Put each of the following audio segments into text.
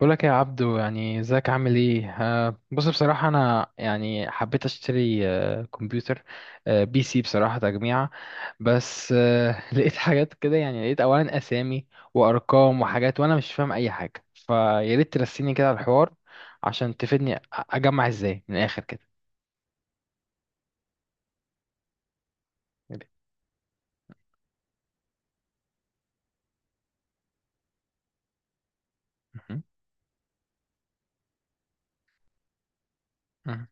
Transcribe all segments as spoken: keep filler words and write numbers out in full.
بقولك يا عبدو، يعني ازيك عامل ايه؟ آه، بص، بصراحة انا يعني حبيت اشتري آه، كمبيوتر آه، بي سي، بصراحة تجميعة. بس آه، لقيت حاجات كده، يعني لقيت اولا اسامي وارقام وحاجات، وانا مش فاهم اي حاجة. فيا ريت ترسيني كده على الحوار عشان تفيدني، أ- اجمع ازاي من الاخر كده. مهم. مهم.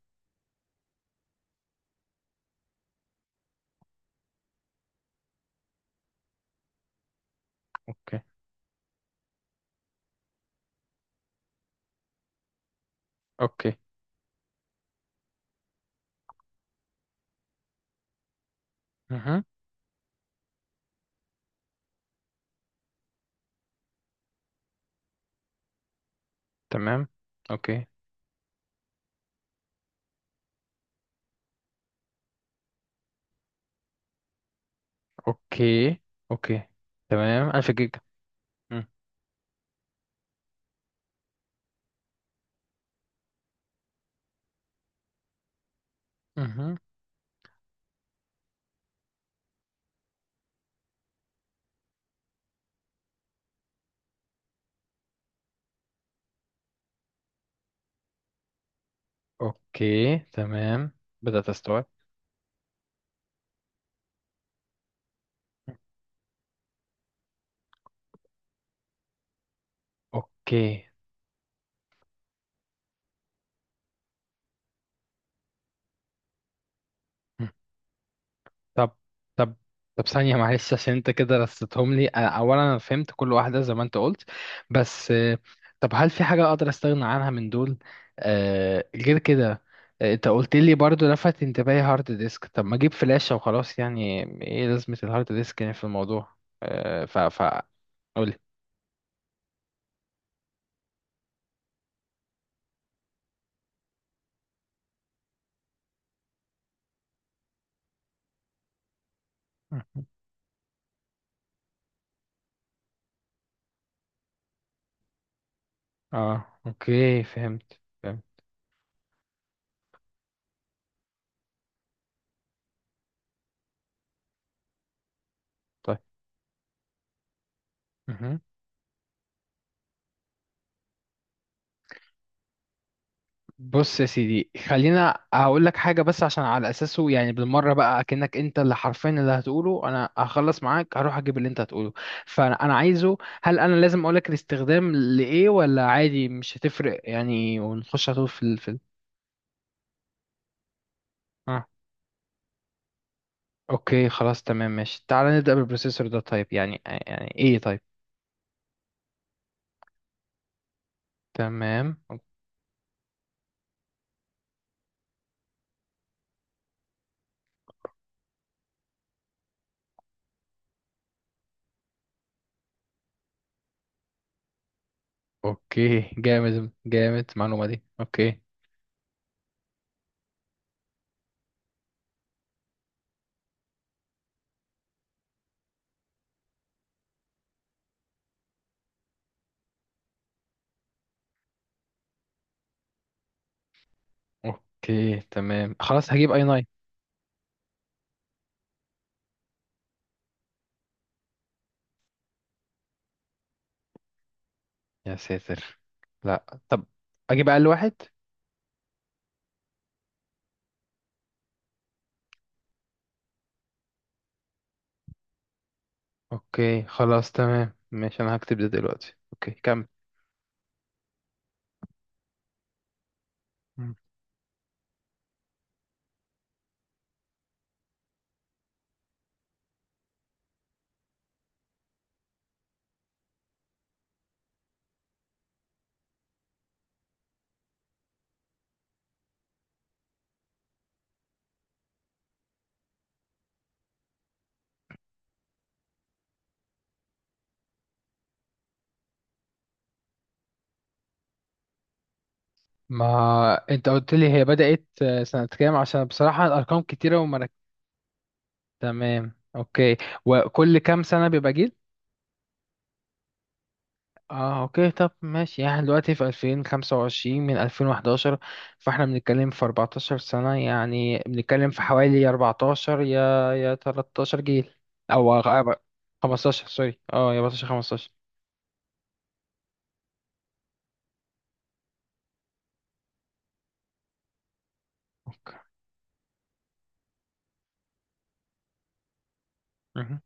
اوكي. اوكي. مهم. تمام. اوكي. اوكي. اوكي. تمام، 1000 جيجا. مم. اوكي تمام، بدأت استوعب. اوكي. م. طب طب طب ثانية، معلش، عشان انت كده رصيتهم لي. أنا- اولا انا فهمت كل واحدة زي ما انت قلت، بس آه، طب هل في حاجة اقدر استغنى عنها من دول؟ آه غير كده، آه، انت قلت لي برضو لفت انتباهي هارد ديسك، طب ما اجيب فلاشة وخلاص، يعني ايه لازمة الهارد ديسك يعني في الموضوع؟ آه ف ف قولي. م. اه اوكي، فهمت فهمت. طيب، بص يا سيدي، خلينا هقول لك حاجة بس عشان على أساسه، يعني بالمرة بقى أكنك أنت اللي حرفيا اللي هتقوله أنا هخلص معاك هروح أجيب اللي أنت هتقوله. فأنا أنا عايزه، هل أنا لازم أقول لك الاستخدام لإيه ولا عادي مش هتفرق يعني، ونخش على طول في ال... في ال... آه. أوكي خلاص، تمام ماشي. تعالى نبدأ بالبروسيسور ده، طيب يعني يعني إيه طيب؟ تمام. أوكي، جامد جامد المعلومة دي، أوكي. أوكي تمام، خلاص هجيب أي اي ناين. يا ساتر. لا طب، اجيب اقل واحد. اوكي خلاص، تمام ماشي، انا هكتب ده دلوقتي. اوكي، كمل. مم. ما انت قلت لي هي بدأت آه، سنة كام؟ عشان بصراحة الارقام كتيرة، وما رك- تمام اوكي. وكل كام سنة بيبقى جيل؟ اه اوكي، طب ماشي، يعني إحنا دلوقتي في ألفين وخمسة وعشرين، من ألفين وحداشر فاحنا بنتكلم في 14 سنة، يعني بنتكلم في حوالي أربعتاشر يا يا تلتاشر جيل، او آه، خمسة عشر. سوري، اه، يا أربعتاشر، خمستاشر. اوكي. مهم.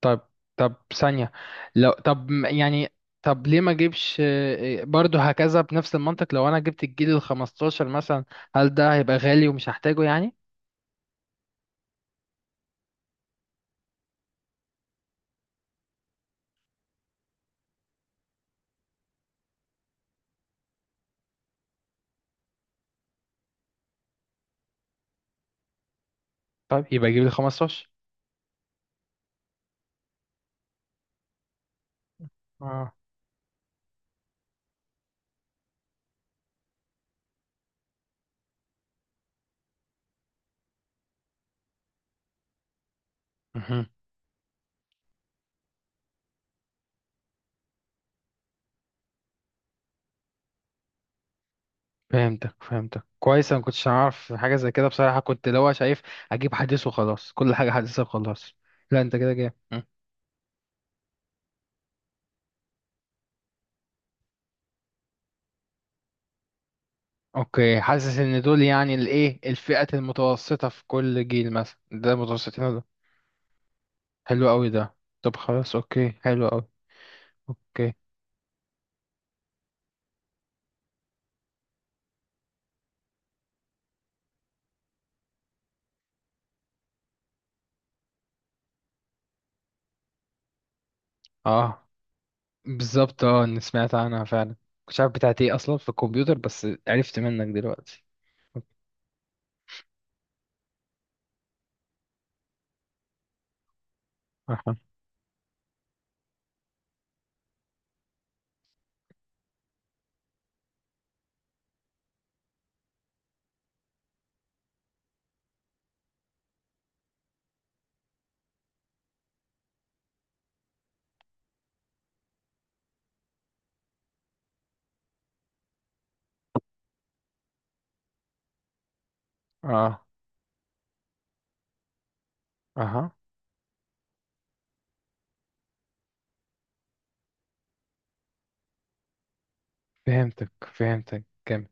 طب طب ثانية، لو طب م- يعني، طب ليه ما اجيبش آه، برضه هكذا بنفس المنطق؟ لو انا جبت الجيل ال خمستاشر مثلا، هل ده هيبقى غالي ومش هحتاجه يعني؟ طيب يبقى اجيب ال خمستاشر. اه. مهم. فهمتك فهمتك كويس، انا ما كنتش اعرف حاجة زي كده بصراحة، كنت اللي هو شايف اجيب حديث وخلاص، كل حاجة حديثة وخلاص. لا، انت كده جاي. مم. اوكي، حاسس ان دول يعني الايه الفئة المتوسطة في كل جيل، مثلا ده متوسطين؟ حلو قوي ده. طب خلاص، اوكي، حلو قوي. اوكي. اه بالظبط، اه انا سمعت عنها فعلا، مش عارف بتاعت ايه اصلا في الكمبيوتر بس عرفت منك دلوقتي. اها. اه. اها. فهمتك فهمتك كامل.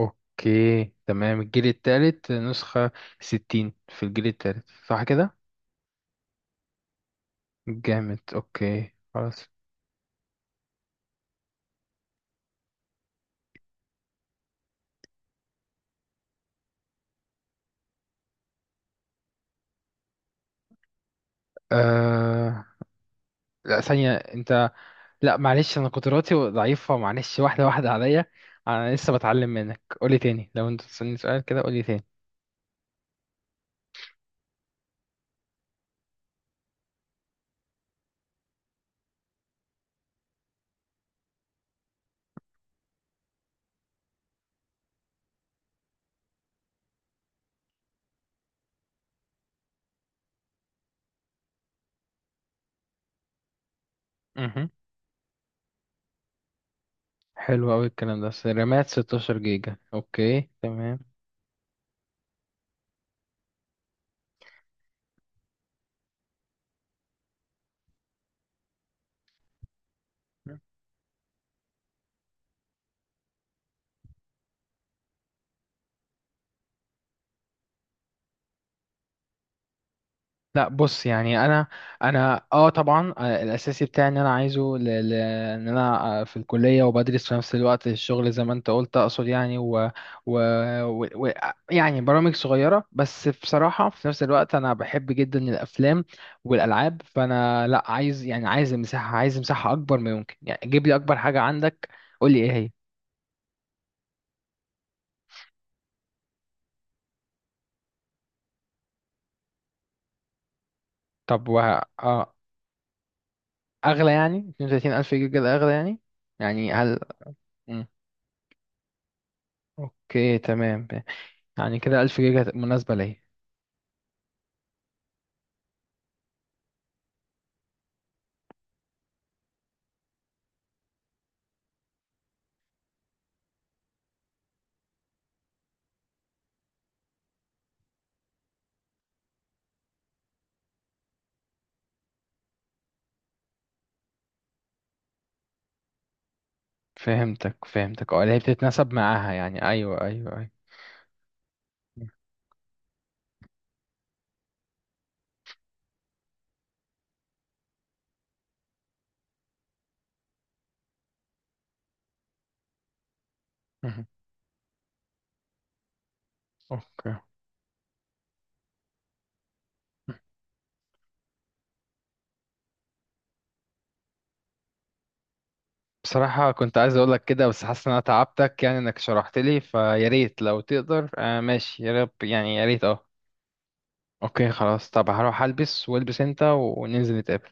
اوكي تمام، الجيل التالت نسخة ستين، في الجيل التالت، صح كده؟ جامد، اوكي خلاص. آه... لا ثانية انت، لا معلش انا قدراتي ضعيفة، معلش، واحدة واحدة عليا. انا لسه بتعلم منك، قولي تاني، لو انت تسألني سؤال كده قولي تاني. امم حلو قوي الكلام ده، رامات 16 جيجا، اوكي تمام. لا بص، يعني انا انا اه طبعا، آه، الاساسي بتاعي ان انا عايزه ل... ل... ان انا آه، في الكليه وبدرس في نفس الوقت الشغل زي ما انت قلت، اقصد يعني و... و... و... و... يعني برامج صغيره بس بصراحه. في نفس الوقت انا بحب جدا الافلام والالعاب، فانا لا، عايز يعني، عايز مساحه عايز مساحه اكبر ما يمكن، يعني جيب لي اكبر حاجه عندك، قول لي ايه هي. طب وه... اه، اغلى يعني؟ 32000 جيجا ده اغلى يعني؟ يعني هل؟ مم. اوكي تمام. يعني كده ألف جيجا مناسبة ليه؟ فهمتك فهمتك، اه، اللي هي بتتناسب معاها يعني، أيوة أيوة أيوة. مهم. أوكي. بصراحة كنت عايز أقولك كده، بس حاسس إن أنا تعبتك، يعني إنك شرحت لي، فيا ريت لو تقدر. آه ماشي، يا رب، يعني يا ريت، أه. أوكي خلاص، طب هروح ألبس والبس أنت وننزل نتقابل.